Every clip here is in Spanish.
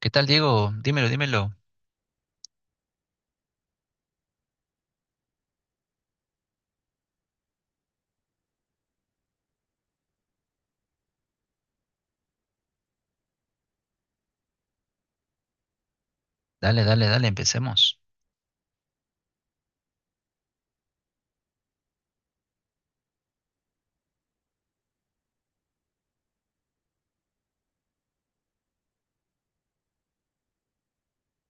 ¿Qué tal, Diego? Dímelo, dímelo. Dale, dale, dale, empecemos.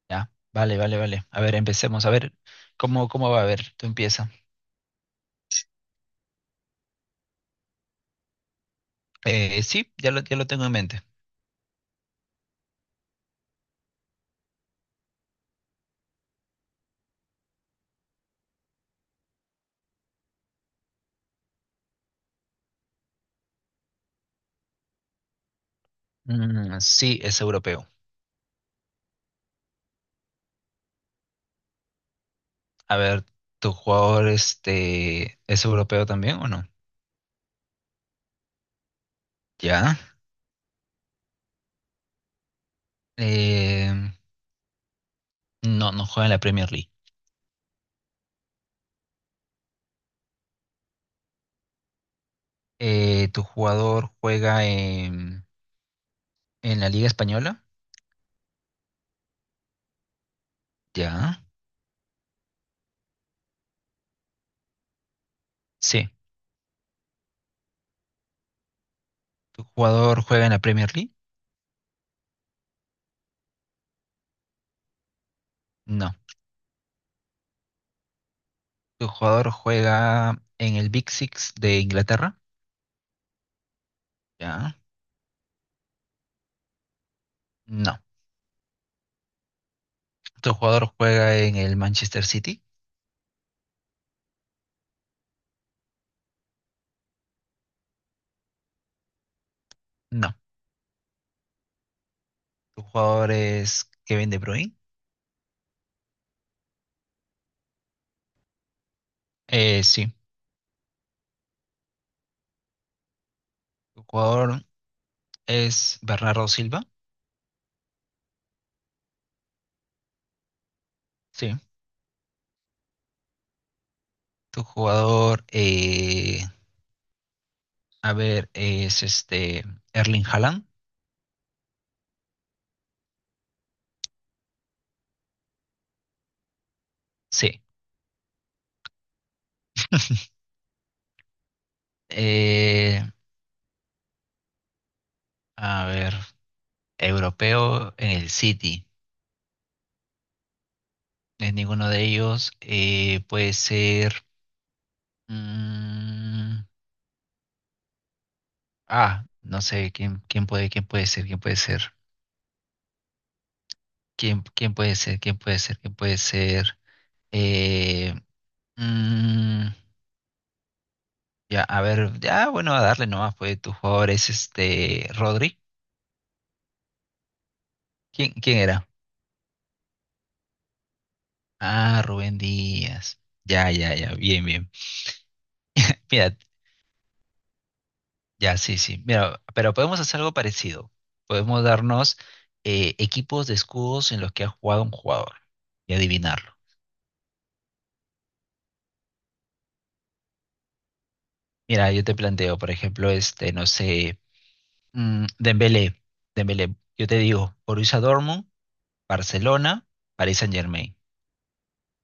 Ya, vale, vale, vale. A ver, empecemos. A ver, ¿cómo, cómo va? A ver, tú empieza. Sí, ya lo tengo en mente. Mm, sí, es europeo. A ver, ¿tu jugador este, es europeo también o no? Ya. Eh, no, no juega en la Premier League. ¿tu jugador juega en la Liga Española? Ya. Sí. ¿Tu jugador juega en la Premier League? No. ¿Tu jugador juega en el Big Six de Inglaterra? Ya. No. ¿Tu jugador juega en el Manchester City? No. ¿Tu jugador es Kevin De Bruyne? Sí. ¿Tu jugador es Bernardo Silva? Sí. ¿Tu jugador, a ver, es este Erling Haaland? Sí. Eh, a ver, europeo en el City. No, es ninguno de ellos. Puede ser. mm, Ah, no sé quién, quién puede ser, quién puede ser, quién, quién puede ser, quién puede ser, quién puede ser. Eh, mm, ya, a ver, ya, bueno, a darle nomás, pues tu jugador es este Rodri. ¿Quién, quién era? Ah, Rubén Díaz. Ya, ya, ya, bien, bien. Mira, ya, sí, sí. Mira, pero podemos hacer algo parecido. Podemos darnos equipos de escudos en los que ha jugado un jugador y adivinarlo. Mira, yo te planteo, por ejemplo, este, no sé. Mm, Dembélé, Dembélé, yo te digo, Borussia Dortmund, Barcelona, Paris Saint-Germain.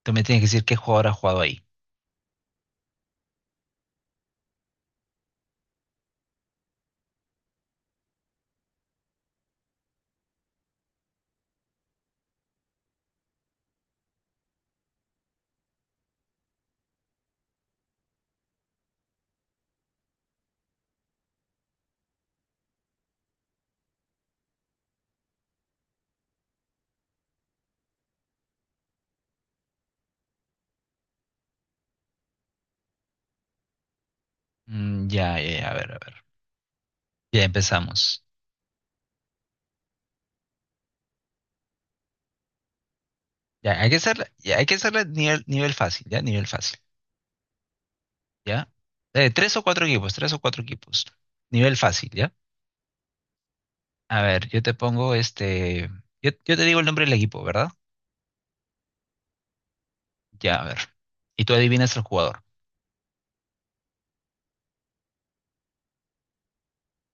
Tú me tienes que decir qué jugador ha jugado ahí. Ya, ya, ya, a ver, a ver. Ya empezamos. Ya, hay que hacerla, ya, hay que hacerla nivel, nivel fácil, ya, nivel fácil, ya. Tres o cuatro equipos, tres o cuatro equipos. Nivel fácil, ya. A ver, yo te pongo este, yo te digo el nombre del equipo, ¿verdad? Ya, a ver. Y tú adivinas el jugador,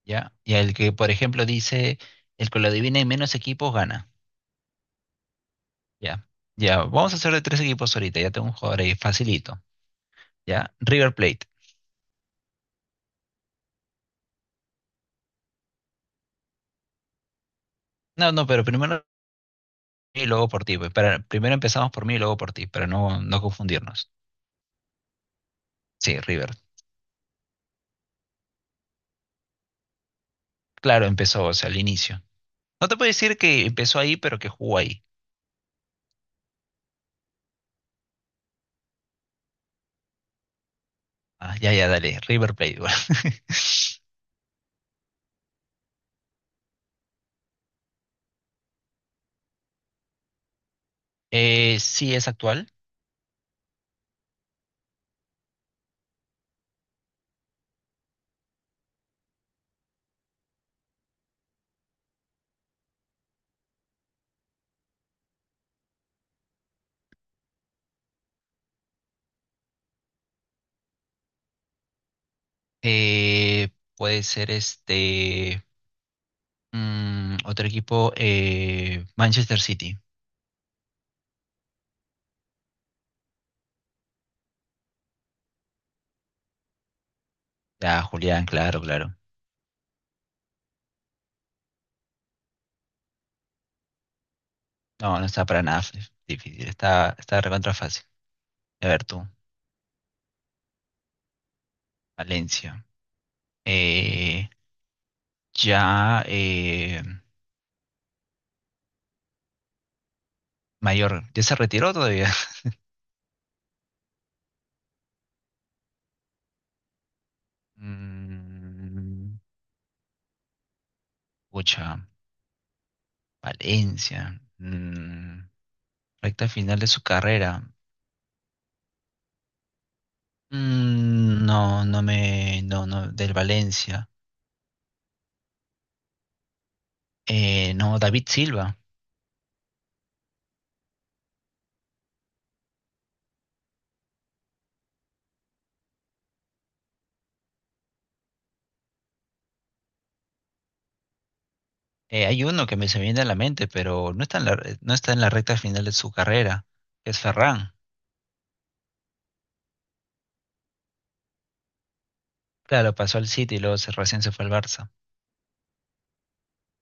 ya. Y el que, por ejemplo, dice, el que lo adivine en menos equipos gana. Ya, ya, vamos a hacer de tres equipos ahorita, ya tengo un jugador ahí, facilito, ¿ya? River Plate. No, no, pero primero y luego por ti, pues, para, primero empezamos por mí y luego por ti, para no, no confundirnos. Sí, River. Claro, empezó, o sea, al inicio. No te puedo decir que empezó ahí, pero que jugó ahí. Ah, ya, ya, dale, River Plate. Bueno. Sí, es actual. Eh, Puede ser este, otro equipo, Manchester City. Ah, Julián, claro, claro. No, no está para nada difícil. Está, está recontra fácil. A ver tú, Valencia. Eh, ya eh, Mayor. ¿Ya se retiró todavía? Mm, Pucha, Valencia. Mm, recta final de su carrera. Mm, no, no me. No, no, del Valencia. No, David Silva. Hay uno que me se me viene a la mente, pero no está en no está en la recta final de su carrera. Es Ferran. Claro, pasó al City y luego recién se fue al Barça.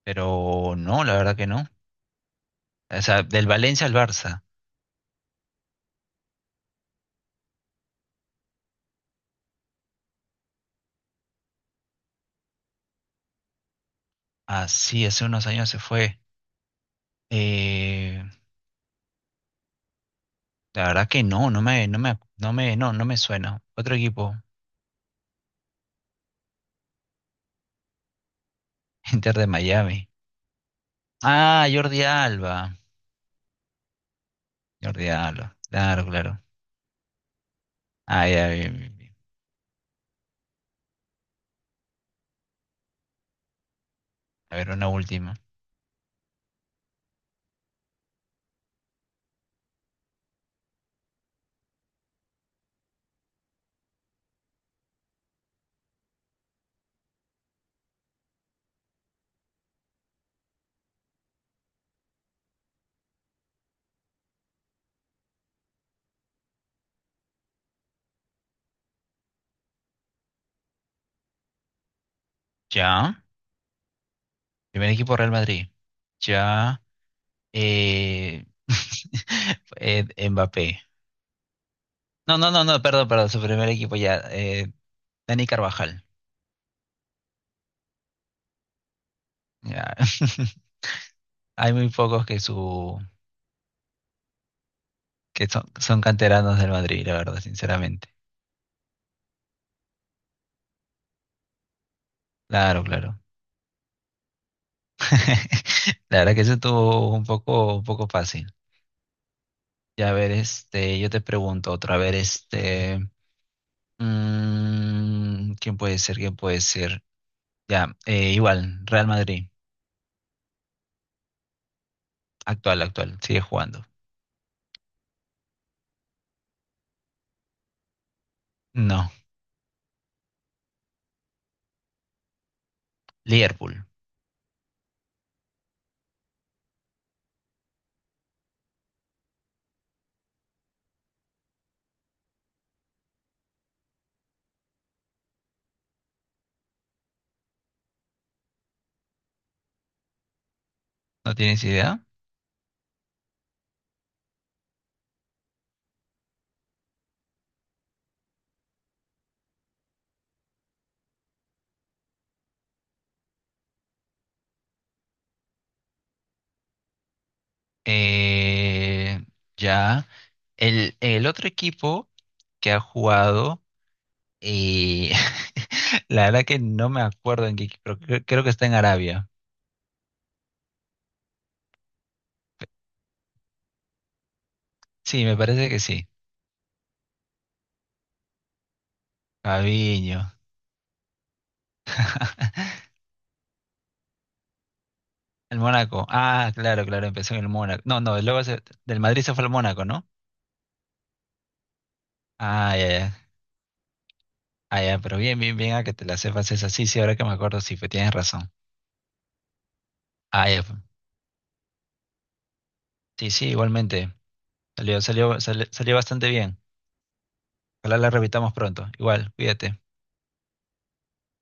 Pero no, la verdad que no. O sea, del Valencia al Barça. Ah, sí, hace unos años se fue. Eh, la verdad que no, no me suena. Otro equipo, Inter de Miami. Ah, Jordi Alba. Jordi Alba. Claro, claro. Ah, ya, bien, bien, bien. A ver, una última. Ya. Primer equipo Real Madrid. Ya. Eh, Mbappé. No, no, no, no, perdón, perdón, su primer equipo ya. Dani Carvajal. Ya. Hay muy pocos que su que son, son canteranos del Madrid, la verdad, sinceramente. Claro, claro. La verdad que eso estuvo un poco fácil. Ya a ver, este, yo te pregunto otra, a ver, este, ¿quién puede ser? ¿Quién puede ser? Ya, igual, Real Madrid, actual, actual, sigue jugando. No, Liverpool, ¿no tienes idea? Eh, ya. El otro equipo que ha jugado, y la verdad que no me acuerdo en qué equipo, pero creo, creo que está en Arabia. Sí, me parece que sí. Fabinho. El Mónaco. Ah, claro, claro, empezó en el Mónaco. No, no, luego del Madrid se fue al Mónaco, ¿no? Ah, ya, ya. Ah, ya, pero bien, bien, bien, a que te la sepas esa. Sí, sí, ahora que me acuerdo, sí, pues tienes razón. Ah, ya, pues. Sí, sí, igualmente. Salió, salió, salió bastante bien. Ojalá la repitamos pronto. Igual, cuídate.